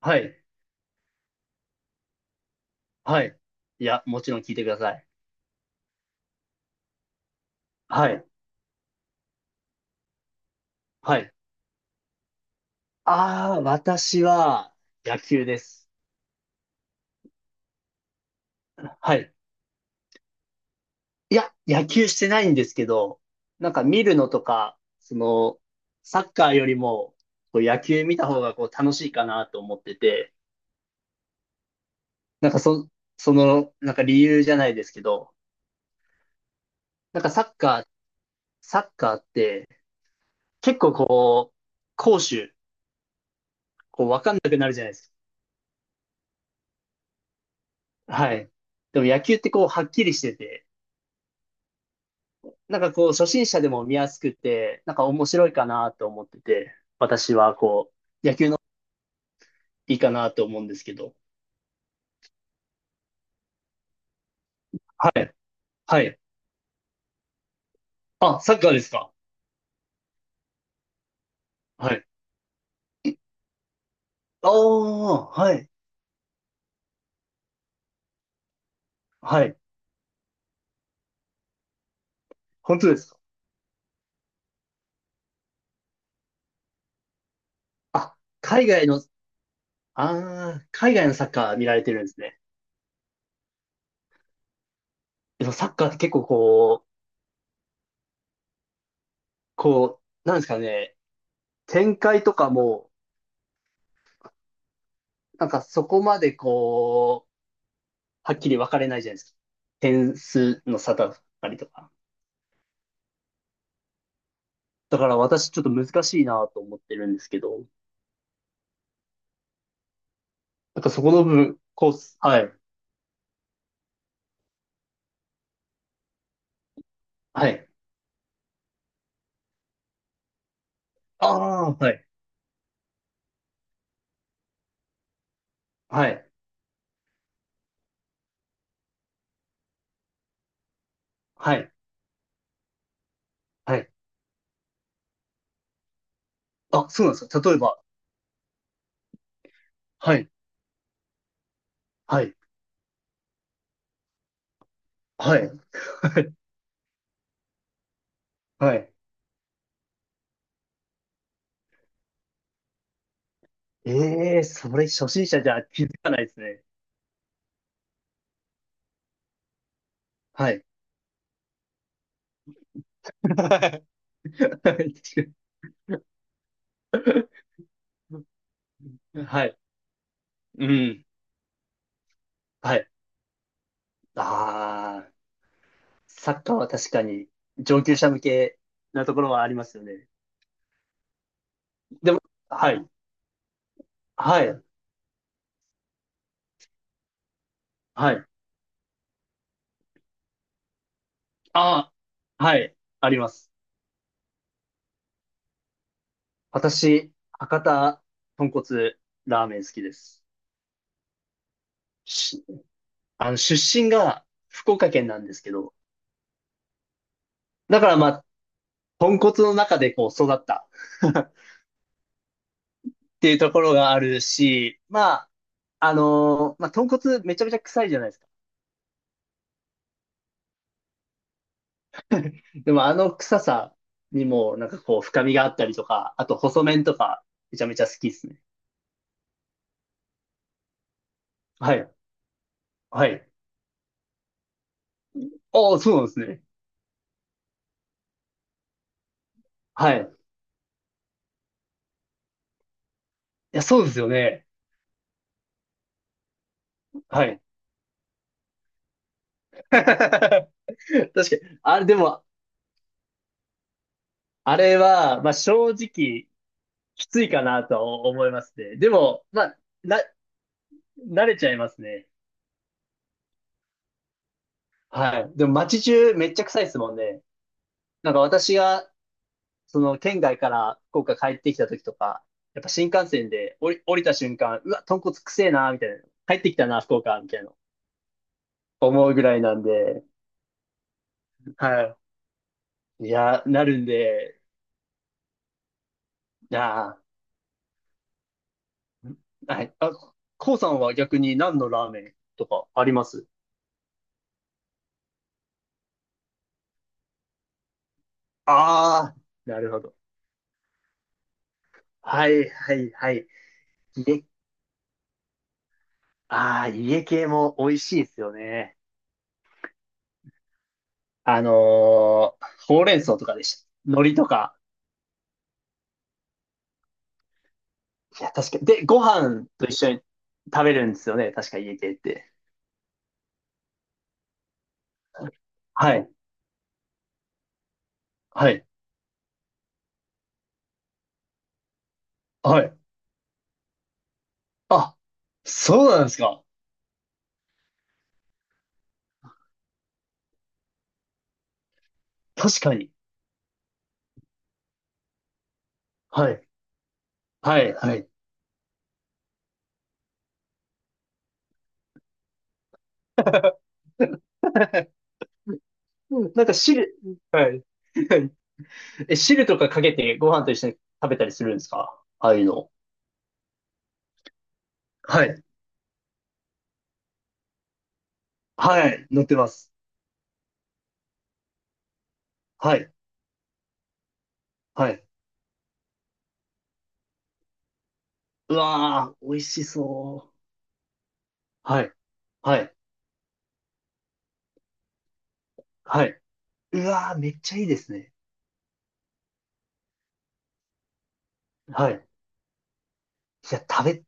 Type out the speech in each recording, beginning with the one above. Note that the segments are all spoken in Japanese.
はい。はい。いや、もちろん聞いてください。はい。はい。ああ、私は野球です。はい。いや、野球してないんですけど、なんか見るのとか、その、サッカーよりも、こう野球見た方がこう楽しいかなと思ってて、なんかそ、その、なんか理由じゃないですけど、なんかサッカーって結構こう、攻守、こうわかんなくなるじゃないですか。はい。でも野球ってこうはっきりしてて、なんかこう、初心者でも見やすくて、なんか面白いかなと思ってて、私はこう、野球のいいかなと思うんですけど。はい。はい。あ、サッカーですか？はい。ああ、はい。はい。本当ですか？あ、海外の、ああ、海外のサッカー見られてるんですね。でもサッカーって結構こう、なんですかね、展開とかも、なんかそこまでこう、はっきり分かれないじゃないですか。点数の差だったりとか。だから私ちょっと難しいなと思ってるんですけど。なんかそこの部分、コース。はい。はい。ああ、はい。はい。はい。はい。あ、そうなんですか。例えば。はい。はい。はい。はい。はい。ええー、それ初心者じゃ気づかないですね。はい。はいはい。うん。はい。ああ、サッカーは確かに上級者向けなところはありますよね。でも、はい。はい。はい。ああ、はい。あります。私、博多豚骨ラーメン好きです。し、あの、出身が福岡県なんですけど、だからまあ、豚骨の中でこう育った っていうところがあるし、まあ、まあ、豚骨めちゃめちゃ臭いじゃないですか。でもあの臭さにもなんかこう深みがあったりとか、あと細麺とかめちゃめちゃ好きですね。はい。はい。ああ、そうなんですね。はい。いや、そうですよね。はい。確かに。あれ、でも、あれは、まあ、正直、きついかなとは思いますね。でも、まあ、な、慣れちゃいますね。はい。でも、街中めっちゃ臭いですもんね。なんか私が、その、県外から福岡帰ってきた時とか、やっぱ新幹線で降りた瞬間、うわ、豚骨くせえな、みたいな。帰ってきたな、福岡、みたいな。思うぐらいなんで、はい。いや、なるんで、いやー、はい。あ、こうさんは逆に何のラーメンとかあります？ああー、なるほど。はいはいはい。家、ああ、家系も美味しいですよね。あのほうれん草とか海苔とか。いや、確かに。で、ご飯と一緒に食べるんですよね。確か家系って。はい。はい。はい。あ、そうなんですか。確かに。はい。はい。はい。うん、はい。はい。 え、汁とかかけてご飯と一緒に食べたりするんですか？ああいうの。はい。はい。乗ってます。はい。はい。うわー、美味しそう。はい。はい。はい。うわー、めっちゃいいですね。はい。いや、食べ、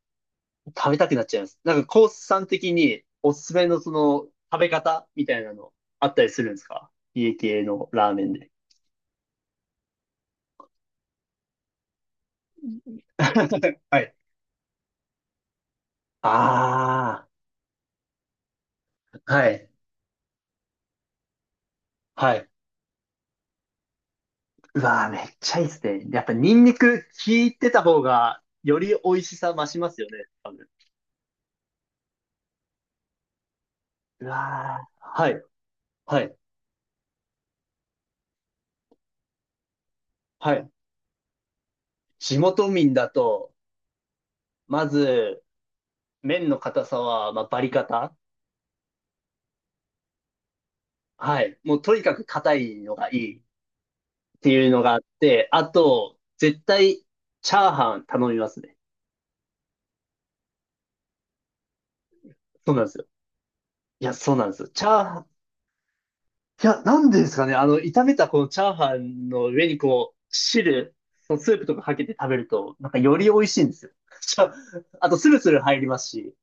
食べたくなっちゃいます。なんか、コースさん的におすすめのその、食べ方みたいなのあったりするんですか？家系のラーメンで。はい。ああ、はい。はい。うわー、めっちゃいいですね。やっぱニンニク効いてた方が、より美味しさ増しますよね。多分。うわー、はい。はい。はい。地元民だと、まず、麺の硬さは、まあ、バリ硬。はい。もうとにかく硬いのがいいっていうのがあって、あと、絶対、チャーハン頼みますね。そうなんですよ。いや、そうなんですよ。チャーハン、いや、なんでですかね。あの、炒めたこのチャーハンの上にこう、スープとかかけて食べると、なんかより美味しいんですよ。しかあと、スルスル入りますし、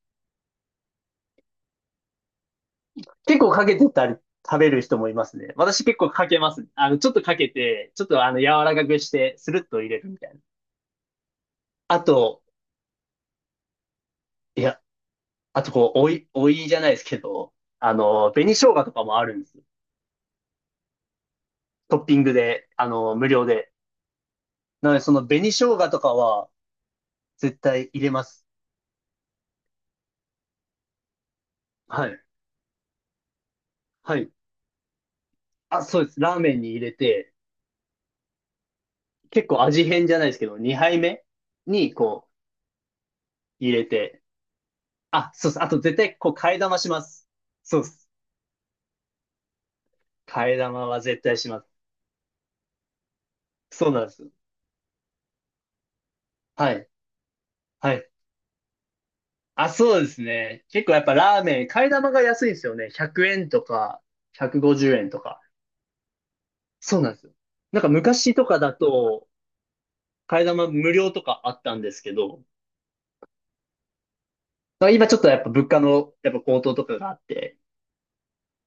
結構かけてたり、食べる人もいますね。私結構かけますね。あの、ちょっとかけて、ちょっとあの、柔らかくして、スルッと入れるみたいな。あと、いや、あとこう、おいじゃないですけど、あの、紅生姜とかもあるんですよ。トッピングで、あの、無料で。なので、その紅生姜とかは絶対入れます。はい。はい。あ、そうです。ラーメンに入れて、結構味変じゃないですけど、2杯目にこう、入れて。あ、そうです。あと絶対こう、替え玉します。そうです。替え玉は絶対します。そうなんです。はい。はい。あ、そうですね。結構やっぱラーメン、替え玉が安いんですよね。100円とか、150円とか。そうなんですよ。なんか昔とかだと、替え玉無料とかあったんですけど、まあ今ちょっとやっぱ物価のやっぱ高騰とかがあって、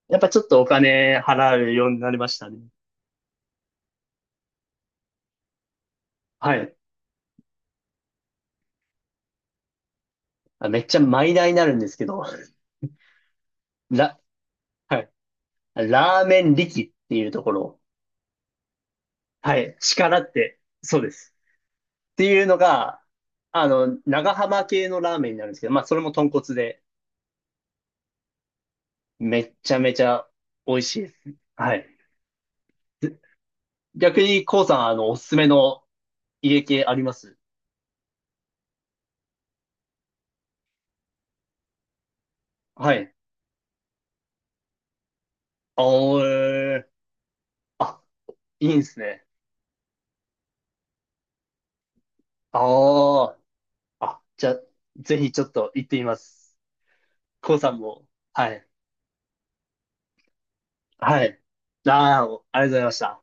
やっぱちょっとお金払うようになりましたね。はい。あ、めっちゃマイナーになるんですけど、ラ、はい。ラーメン力っていうところ、はい。力って、そうです。っていうのが、あの、長浜系のラーメンになるんですけど、まあそれも豚骨で、めっちゃめちゃ美味しいです。はい。逆に、こうさん、あの、おすすめの家系あります？はい。あー、あ、いいんですね。ああ、あ、じゃあ、ぜひちょっと行ってみます。こうさんも、はい。はい。ああ、ありがとうございました。